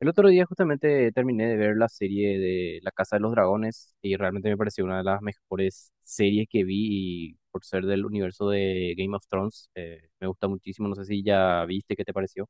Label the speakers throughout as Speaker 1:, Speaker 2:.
Speaker 1: El otro día justamente terminé de ver la serie de La Casa de los Dragones y realmente me pareció una de las mejores series que vi y por ser del universo de Game of Thrones, me gusta muchísimo, no sé si ya viste, ¿qué te pareció?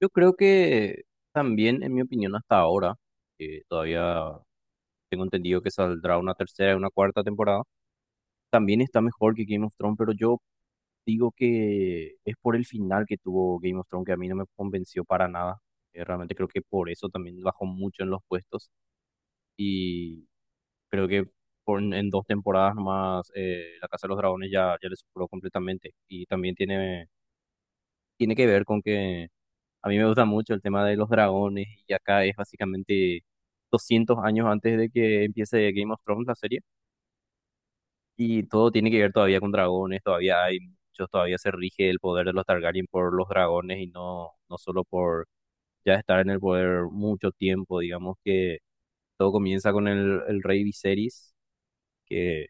Speaker 1: Yo creo que también, en mi opinión, hasta ahora, todavía tengo entendido que saldrá una tercera y una cuarta temporada, también está mejor que Game of Thrones, pero yo digo que es por el final que tuvo Game of Thrones que a mí no me convenció para nada. Realmente creo que por eso también bajó mucho en los puestos y creo que en dos temporadas más La Casa de los Dragones ya le superó completamente y también tiene que ver con que a mí me gusta mucho el tema de los dragones y acá es básicamente 200 años antes de que empiece Game of Thrones la serie. Y todo tiene que ver todavía con dragones, todavía hay muchos, todavía se rige el poder de los Targaryen por los dragones y no, no solo por ya estar en el poder mucho tiempo, digamos que todo comienza con el rey Viserys, que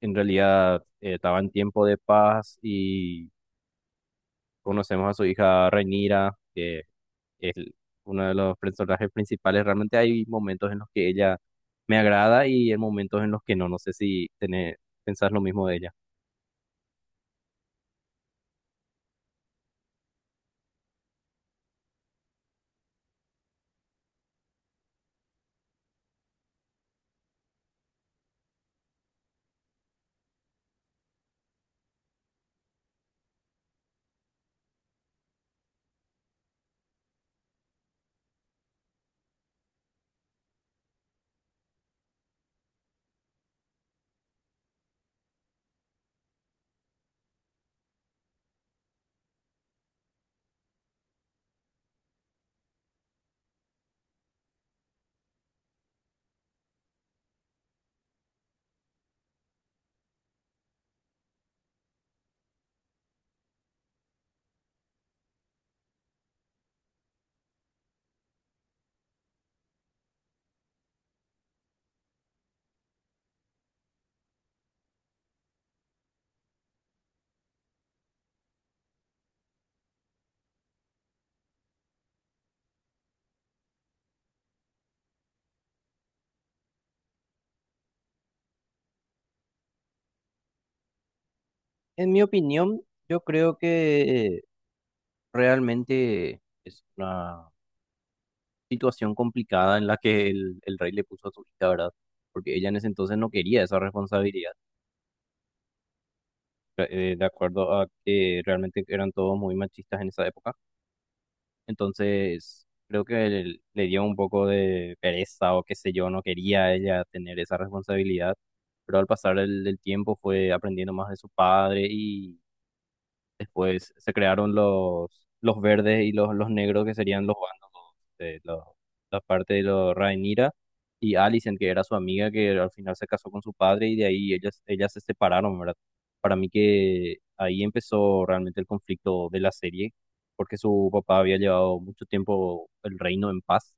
Speaker 1: en realidad estaba en tiempo de paz y conocemos a su hija Rhaenyra, que es uno de los personajes principales, realmente hay momentos en los que ella me agrada y hay momentos en los que no, no sé si tenés, pensás lo mismo de ella. En mi opinión, yo creo que realmente es una situación complicada en la que el rey le puso a su hija, ¿verdad? Porque ella en ese entonces no quería esa responsabilidad, de acuerdo a que realmente eran todos muy machistas en esa época. Entonces, creo que le dio un poco de pereza o qué sé yo, no quería ella tener esa responsabilidad, pero al pasar del tiempo fue aprendiendo más de su padre. Después se crearon los verdes y los negros, que serían los bandos de los- la parte de los Rhaenyra y Alicent, que era su amiga, que al final se casó con su padre y de ahí ellas se separaron, ¿verdad? Para mí que ahí empezó realmente el conflicto de la serie, porque su papá había llevado mucho tiempo el reino en paz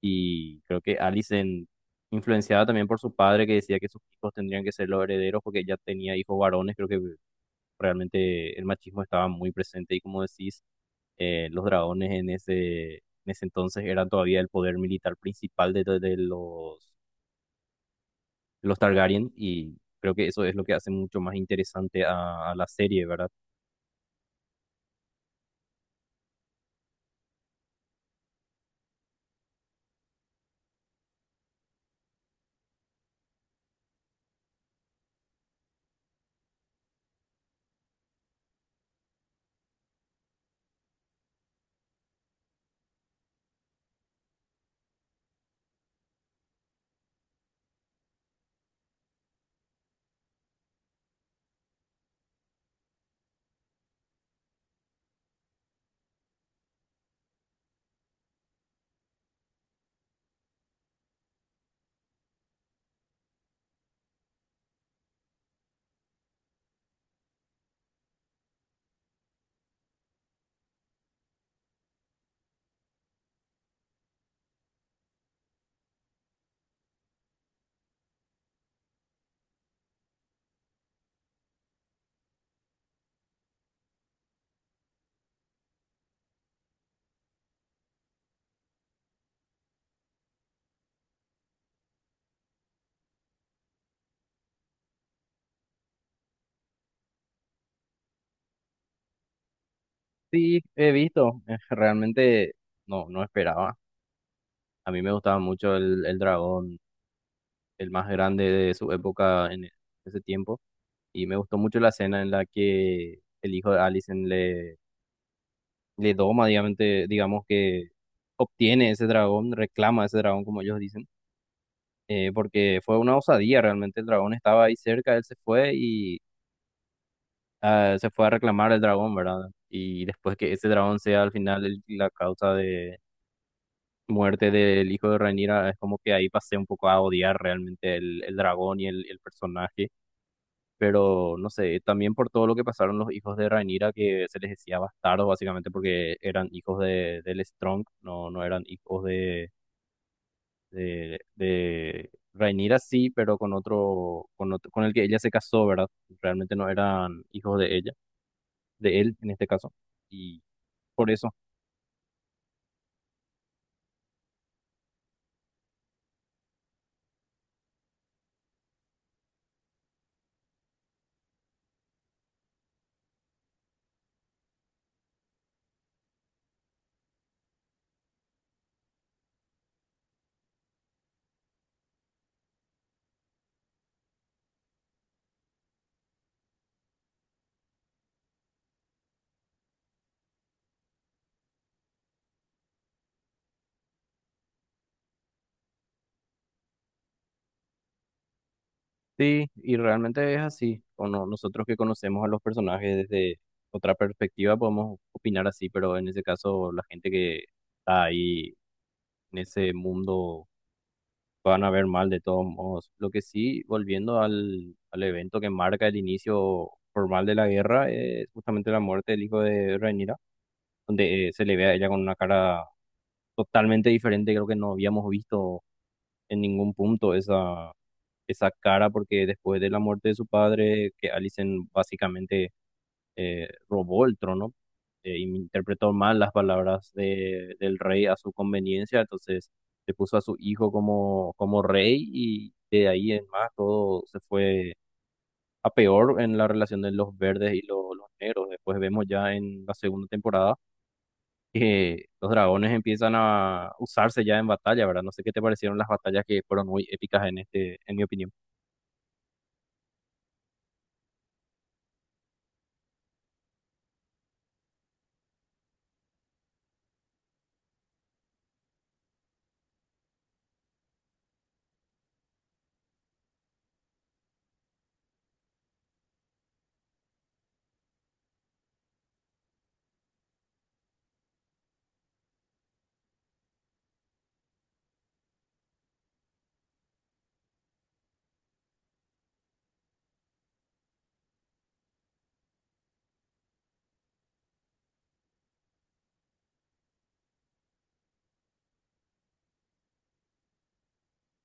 Speaker 1: y creo que Alicent, influenciada también por su padre, que decía que sus hijos tendrían que ser los herederos porque ella tenía hijos varones, creo que realmente el machismo estaba muy presente y como decís, los dragones en en ese entonces eran todavía el poder militar principal de los Targaryen y creo que eso es lo que hace mucho más interesante a la serie, ¿verdad? Sí, he visto, realmente no esperaba. A mí me gustaba mucho el dragón, el más grande de su época en ese tiempo y me gustó mucho la escena en la que el hijo de Alicent le doma, digamos que obtiene ese dragón, reclama ese dragón, como ellos dicen, porque fue una osadía realmente, el dragón estaba ahí cerca, él se fue y se fue a reclamar el dragón, ¿verdad? Y después que ese dragón sea al final la causa de muerte del hijo de Rhaenyra, es como que ahí pasé un poco a odiar realmente el dragón y el personaje. Pero no sé, también por todo lo que pasaron los hijos de Rhaenyra, que se les decía bastardos básicamente porque eran hijos del Strong, no eran hijos de Rhaenyra sí, pero con otro, con el que ella se casó, ¿verdad? Realmente no eran hijos de ella, de él en este caso, y por eso. Sí, y realmente es así, o no, nosotros que conocemos a los personajes desde otra perspectiva podemos opinar así, pero en ese caso la gente que está ahí en ese mundo van a ver mal de todos modos. Lo que sí, volviendo al evento que marca el inicio formal de la guerra, es justamente la muerte del hijo de Rhaenyra, donde se le ve a ella con una cara totalmente diferente, creo que no habíamos visto en ningún punto esa cara, porque después de la muerte de su padre, que Alicent básicamente robó el trono y interpretó mal las palabras del rey a su conveniencia, entonces le puso a su hijo como rey y de ahí en más todo se fue a peor en la relación de los verdes y los negros. Después vemos ya en la segunda temporada que los dragones empiezan a usarse ya en batalla, ¿verdad? No sé qué te parecieron las batallas que fueron muy épicas en mi opinión.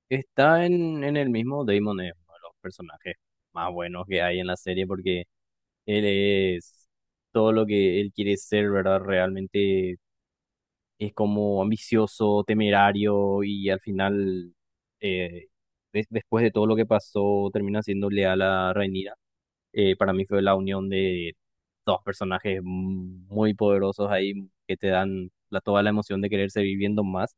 Speaker 1: Está en el mismo Daemon, es uno de los personajes más buenos que hay en la serie porque él es todo lo que él quiere ser, ¿verdad? Realmente es como ambicioso, temerario y al final, eh, después de todo lo que pasó, termina siendo leal a Rhaenyra. Para mí fue la unión de dos personajes muy poderosos ahí que te dan toda la emoción de querer seguir viendo más.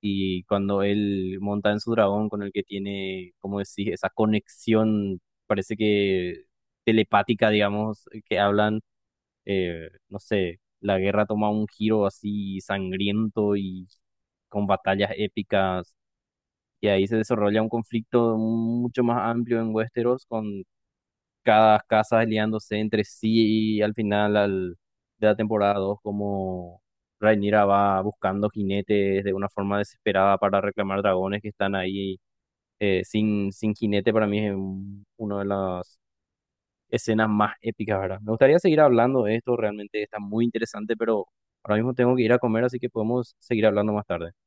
Speaker 1: Y cuando él monta en su dragón con el que tiene, como decís, esa conexión, parece que telepática, digamos, que hablan no sé, la guerra toma un giro así sangriento y con batallas épicas, y ahí se desarrolla un conflicto mucho más amplio en Westeros, con cada casa aliándose entre sí, y al final de la temporada 2 como Rhaenyra va buscando jinetes de una forma desesperada para reclamar dragones que están ahí sin jinete, para mí es uno de los escenas más épicas, ¿verdad? Me gustaría seguir hablando de esto, realmente está muy interesante, pero ahora mismo tengo que ir a comer, así que podemos seguir hablando más tarde.